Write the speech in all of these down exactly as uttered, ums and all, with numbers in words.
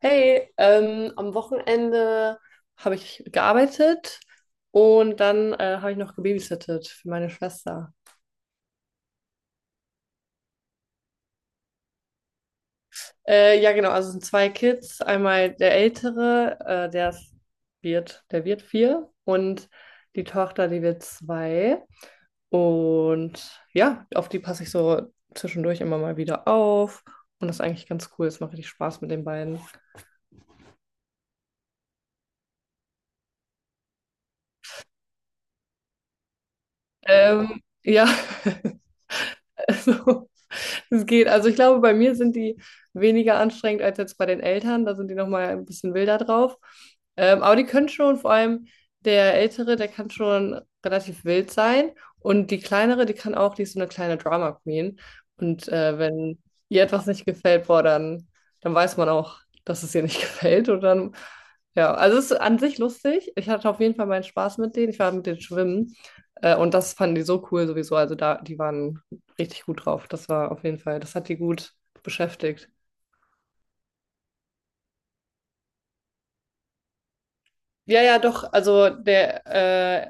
Hey, ähm, am Wochenende habe ich gearbeitet und dann äh, habe ich noch gebabysittet für meine Schwester. Äh, ja, genau, also es sind zwei Kids. Einmal der Ältere, äh, der ist, wird, der wird vier und die Tochter, die wird zwei. Und ja, auf die passe ich so zwischendurch immer mal wieder auf. Und das ist eigentlich ganz cool. Es macht richtig Spaß mit den beiden. Ähm, ja, also. Es geht. Also ich glaube, bei mir sind die weniger anstrengend als jetzt bei den Eltern. Da sind die nochmal ein bisschen wilder drauf. Ähm, aber die können schon, vor allem der Ältere, der kann schon relativ wild sein. Und die Kleinere, die kann auch, die ist so eine kleine Drama Queen. Und äh, wenn ihr etwas nicht gefällt, boah, dann, dann weiß man auch, dass es ihr nicht gefällt. Und dann, ja, also es ist an sich lustig. Ich hatte auf jeden Fall meinen Spaß mit denen. Ich war mit denen schwimmen. Äh, und das fanden die so cool sowieso. Also da, die waren richtig gut drauf. Das war auf jeden Fall, das hat die gut beschäftigt. Ja, ja, doch. Also der,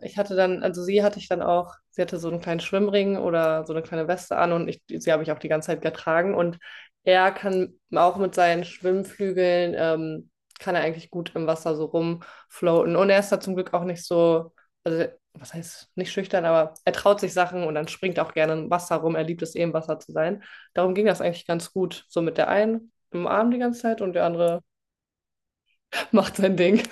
äh, ich hatte dann, also sie hatte ich dann auch, sie hatte so einen kleinen Schwimmring oder so eine kleine Weste an und ich, sie habe ich auch die ganze Zeit getragen. Und er kann auch mit seinen Schwimmflügeln, ähm, kann er eigentlich gut im Wasser so rumfloaten. Und er ist da zum Glück auch nicht so, also was heißt nicht schüchtern, aber er traut sich Sachen und dann springt er auch gerne im Wasser rum. Er liebt es eh im Wasser zu sein. Darum ging das eigentlich ganz gut. So mit der einen im Arm die ganze Zeit und der andere macht sein Ding.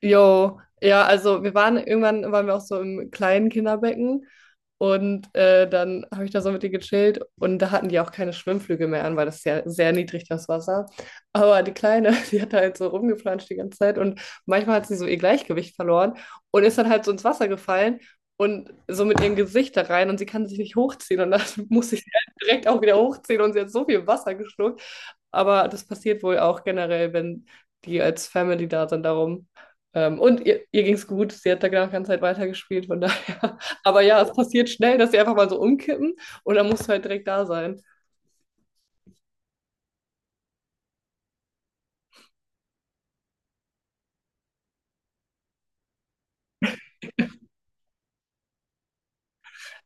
Jo, ja, also wir waren irgendwann waren wir auch so im kleinen Kinderbecken und äh, dann habe ich da so mit denen gechillt und da hatten die auch keine Schwimmflügel mehr an, weil das ist ja sehr niedrig das Wasser. Aber die Kleine, die hat da halt so rumgeplanscht die ganze Zeit und manchmal hat sie so ihr Gleichgewicht verloren und ist dann halt so ins Wasser gefallen und so mit ihrem Gesicht da rein und sie kann sich nicht hochziehen und dann muss ich sie halt direkt auch wieder hochziehen und sie hat so viel Wasser geschluckt. Aber das passiert wohl auch generell, wenn die als Family da sind, darum. Ähm, und ihr, ihr ging es gut, sie hat da genau die ganze Zeit weitergespielt, von daher. Aber ja, es passiert schnell, dass sie einfach mal so umkippen und dann musst du halt direkt da sein.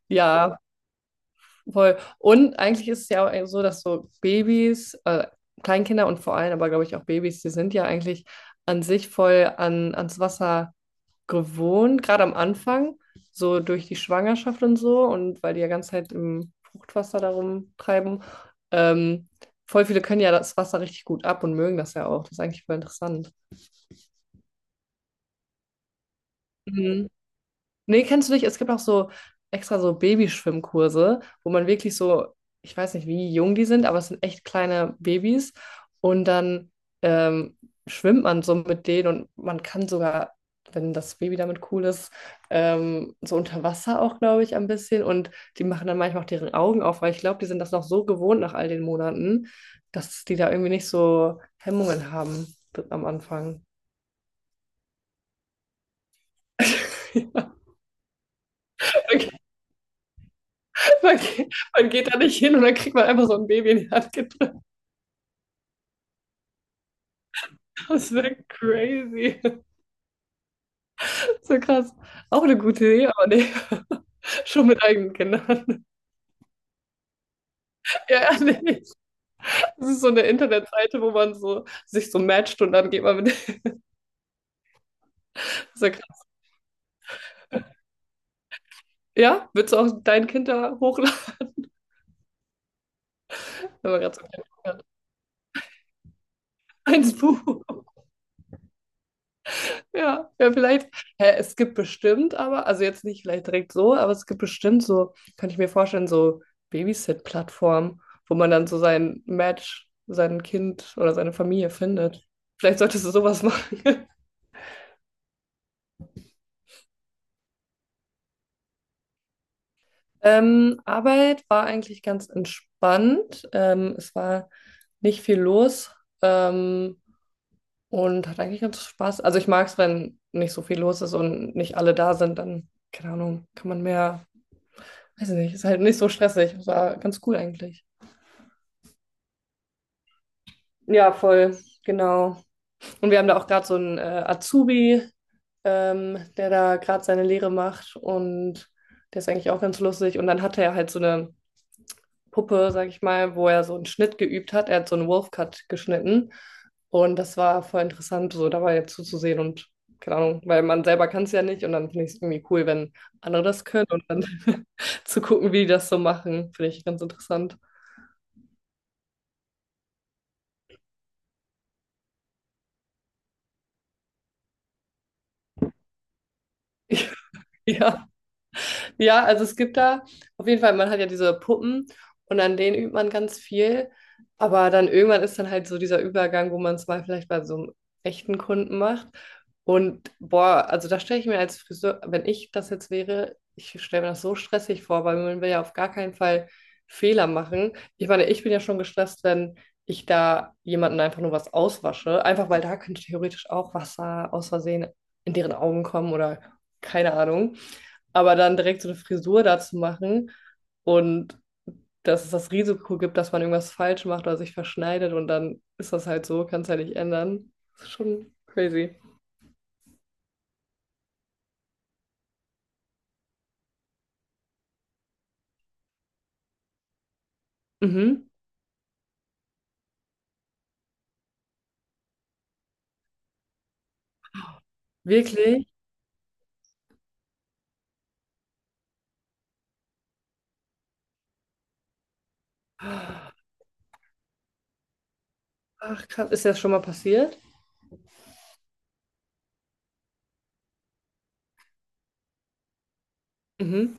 Ja, voll. Und eigentlich ist es ja auch so, dass so Babys, äh, Kleinkinder und vor allem aber, glaube ich, auch Babys, die sind ja eigentlich an sich voll an, ans Wasser gewohnt, gerade am Anfang, so durch die Schwangerschaft und so und weil die ja ganze Zeit im Fruchtwasser darum treiben. Ähm, Voll viele können ja das Wasser richtig gut ab und mögen das ja auch. Das ist eigentlich voll interessant. Mhm. Nee, kennst du nicht? Es gibt auch so extra so Babyschwimmkurse, wo man wirklich so, ich weiß nicht, wie jung die sind, aber es sind echt kleine Babys. Und dann ähm, schwimmt man so mit denen und man kann sogar, wenn das Baby damit cool ist, ähm, so unter Wasser auch, glaube ich, ein bisschen. Und die machen dann manchmal auch deren Augen auf, weil ich glaube, die sind das noch so gewohnt nach all den Monaten, dass die da irgendwie nicht so Hemmungen haben am Anfang. Ja, Man geht, man geht da nicht hin und dann kriegt man einfach so ein Baby in die Hand gedrückt. Das wäre crazy. So krass. Auch eine gute Idee, aber nee, schon mit eigenen Kindern. Ja, ja, nee. Das ist so eine Internetseite, wo man so sich so matcht und dann geht man mit. Das ist ja krass. Ja, willst du auch dein Kind da hochladen? Wenn man gerade so ein Kind hat. Eins Buch. Ja, ja, vielleicht, hä, es gibt bestimmt aber, also jetzt nicht vielleicht direkt so, aber es gibt bestimmt so, kann ich mir vorstellen, so Babysit-Plattformen, wo man dann so sein Match, sein Kind oder seine Familie findet. Vielleicht solltest du sowas machen. Ähm, Arbeit war eigentlich ganz entspannt. Ähm, es war nicht viel los ähm, und hat eigentlich ganz Spaß. Also ich mag es, wenn nicht so viel los ist und nicht alle da sind, dann, keine Ahnung, kann man mehr weiß ich nicht, ist halt nicht so stressig. Das war ganz cool eigentlich. Ja, voll, genau. Und wir haben da auch gerade so einen äh, Azubi, ähm, der da gerade seine Lehre macht und der ist eigentlich auch ganz lustig. Und dann hatte er halt so eine Puppe, sag ich mal, wo er so einen Schnitt geübt hat. Er hat so einen Wolfcut geschnitten und das war voll interessant, so dabei jetzt zuzusehen und keine Ahnung, weil man selber kann es ja nicht und dann finde ich es irgendwie cool, wenn andere das können und dann zu gucken, wie die das so machen, finde ich ganz interessant. Ja. Ja, also es gibt da auf jeden Fall, man hat ja diese Puppen und an denen übt man ganz viel. Aber dann irgendwann ist dann halt so dieser Übergang, wo man es mal vielleicht bei so einem echten Kunden macht. Und boah, also da stelle ich mir als Friseur, wenn ich das jetzt wäre, ich stelle mir das so stressig vor, weil man will ja auf gar keinen Fall Fehler machen. Ich meine, ich bin ja schon gestresst, wenn ich da jemanden einfach nur was auswasche, einfach weil da könnte theoretisch auch Wasser aus Versehen in deren Augen kommen oder keine Ahnung. Aber dann direkt so eine Frisur dazu machen und dass es das Risiko gibt, dass man irgendwas falsch macht oder sich verschneidet und dann ist das halt so, kann es ja nicht ändern. Das ist schon crazy. Mhm. Wirklich? Ach, krass. Ist dir das schon mal passiert? Mhm.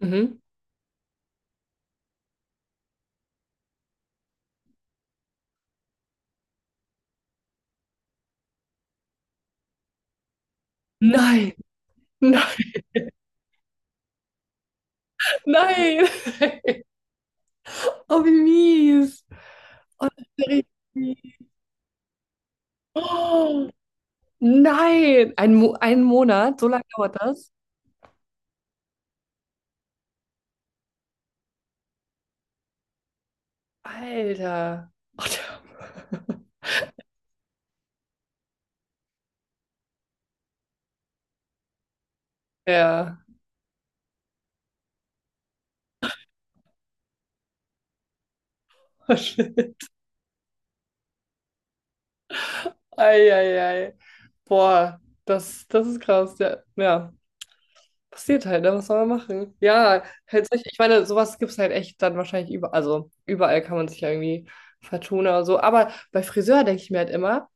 Mhm. Nein. Nein. Nein. Oh, wie mies. Oh, das ist ja richtig mies. Oh, nein. Ein, Mo ein Monat? So lange dauert das? Alter. Oh, der- ja. Eieiei. Boah, das, das ist krass. Ja, ja. Passiert halt, ne? Was soll man machen? Ja, halt solche, ich meine, sowas gibt es halt echt dann wahrscheinlich überall. Also überall kann man sich ja irgendwie vertun oder so. Aber bei Friseur denke ich mir halt immer,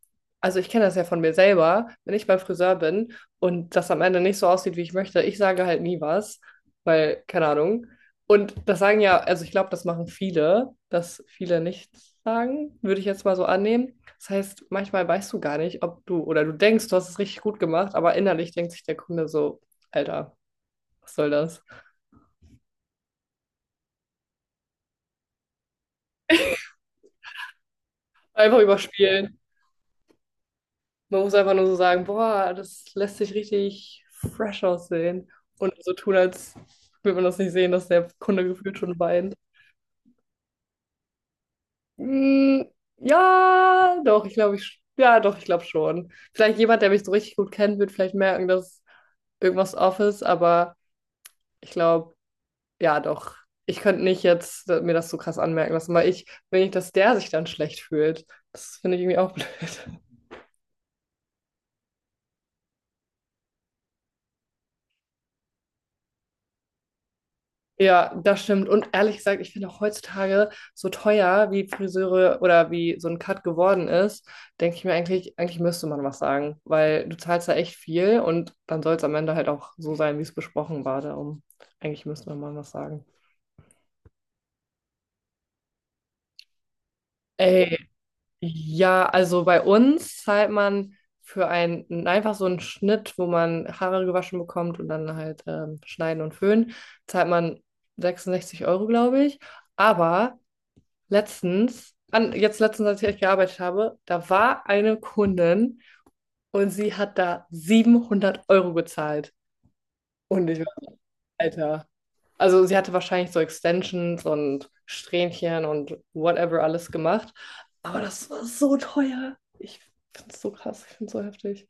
also ich kenne das ja von mir selber, wenn ich beim Friseur bin und das am Ende nicht so aussieht, wie ich möchte, ich sage halt nie was, weil, keine Ahnung. Und das sagen ja, also ich glaube, das machen viele, dass viele nichts sagen, würde ich jetzt mal so annehmen. Das heißt, manchmal weißt du gar nicht, ob du oder du denkst, du hast es richtig gut gemacht, aber innerlich denkt sich der Kunde so, Alter. Was soll das? Einfach überspielen. Man muss einfach nur so sagen, boah, das lässt sich richtig fresh aussehen. Und so tun, als würde man das nicht sehen, dass der Kunde gefühlt schon weint. Mm, ja, doch, ich glaube, ich, ja, doch, ich glaube schon. Vielleicht jemand, der mich so richtig gut kennt, wird vielleicht merken, dass irgendwas off ist, aber ich glaube, ja, doch. Ich könnte nicht jetzt äh, mir das so krass anmerken lassen, weil ich will nicht, dass der sich dann schlecht fühlt. Das finde ich irgendwie auch blöd. Ja, das stimmt. Und ehrlich gesagt, ich finde auch heutzutage so teuer, wie Friseure oder wie so ein Cut geworden ist, denke ich mir eigentlich, eigentlich müsste man was sagen, weil du zahlst da echt viel und dann soll es am Ende halt auch so sein, wie es besprochen war. Darum, eigentlich müsste man mal was sagen. Ey, ja, also bei uns zahlt man für einen einfach so einen Schnitt, wo man Haare gewaschen bekommt und dann halt ähm, schneiden und föhnen, zahlt man sechsundsechzig Euro, glaube ich. Aber letztens, an, jetzt letztens, als ich gearbeitet habe, da war eine Kundin und sie hat da siebenhundert Euro gezahlt. Und ich war, so, Alter. Also sie hatte wahrscheinlich so Extensions und Strähnchen und whatever alles gemacht. Aber das war so teuer. Ich finde es so krass, ich finde es so heftig.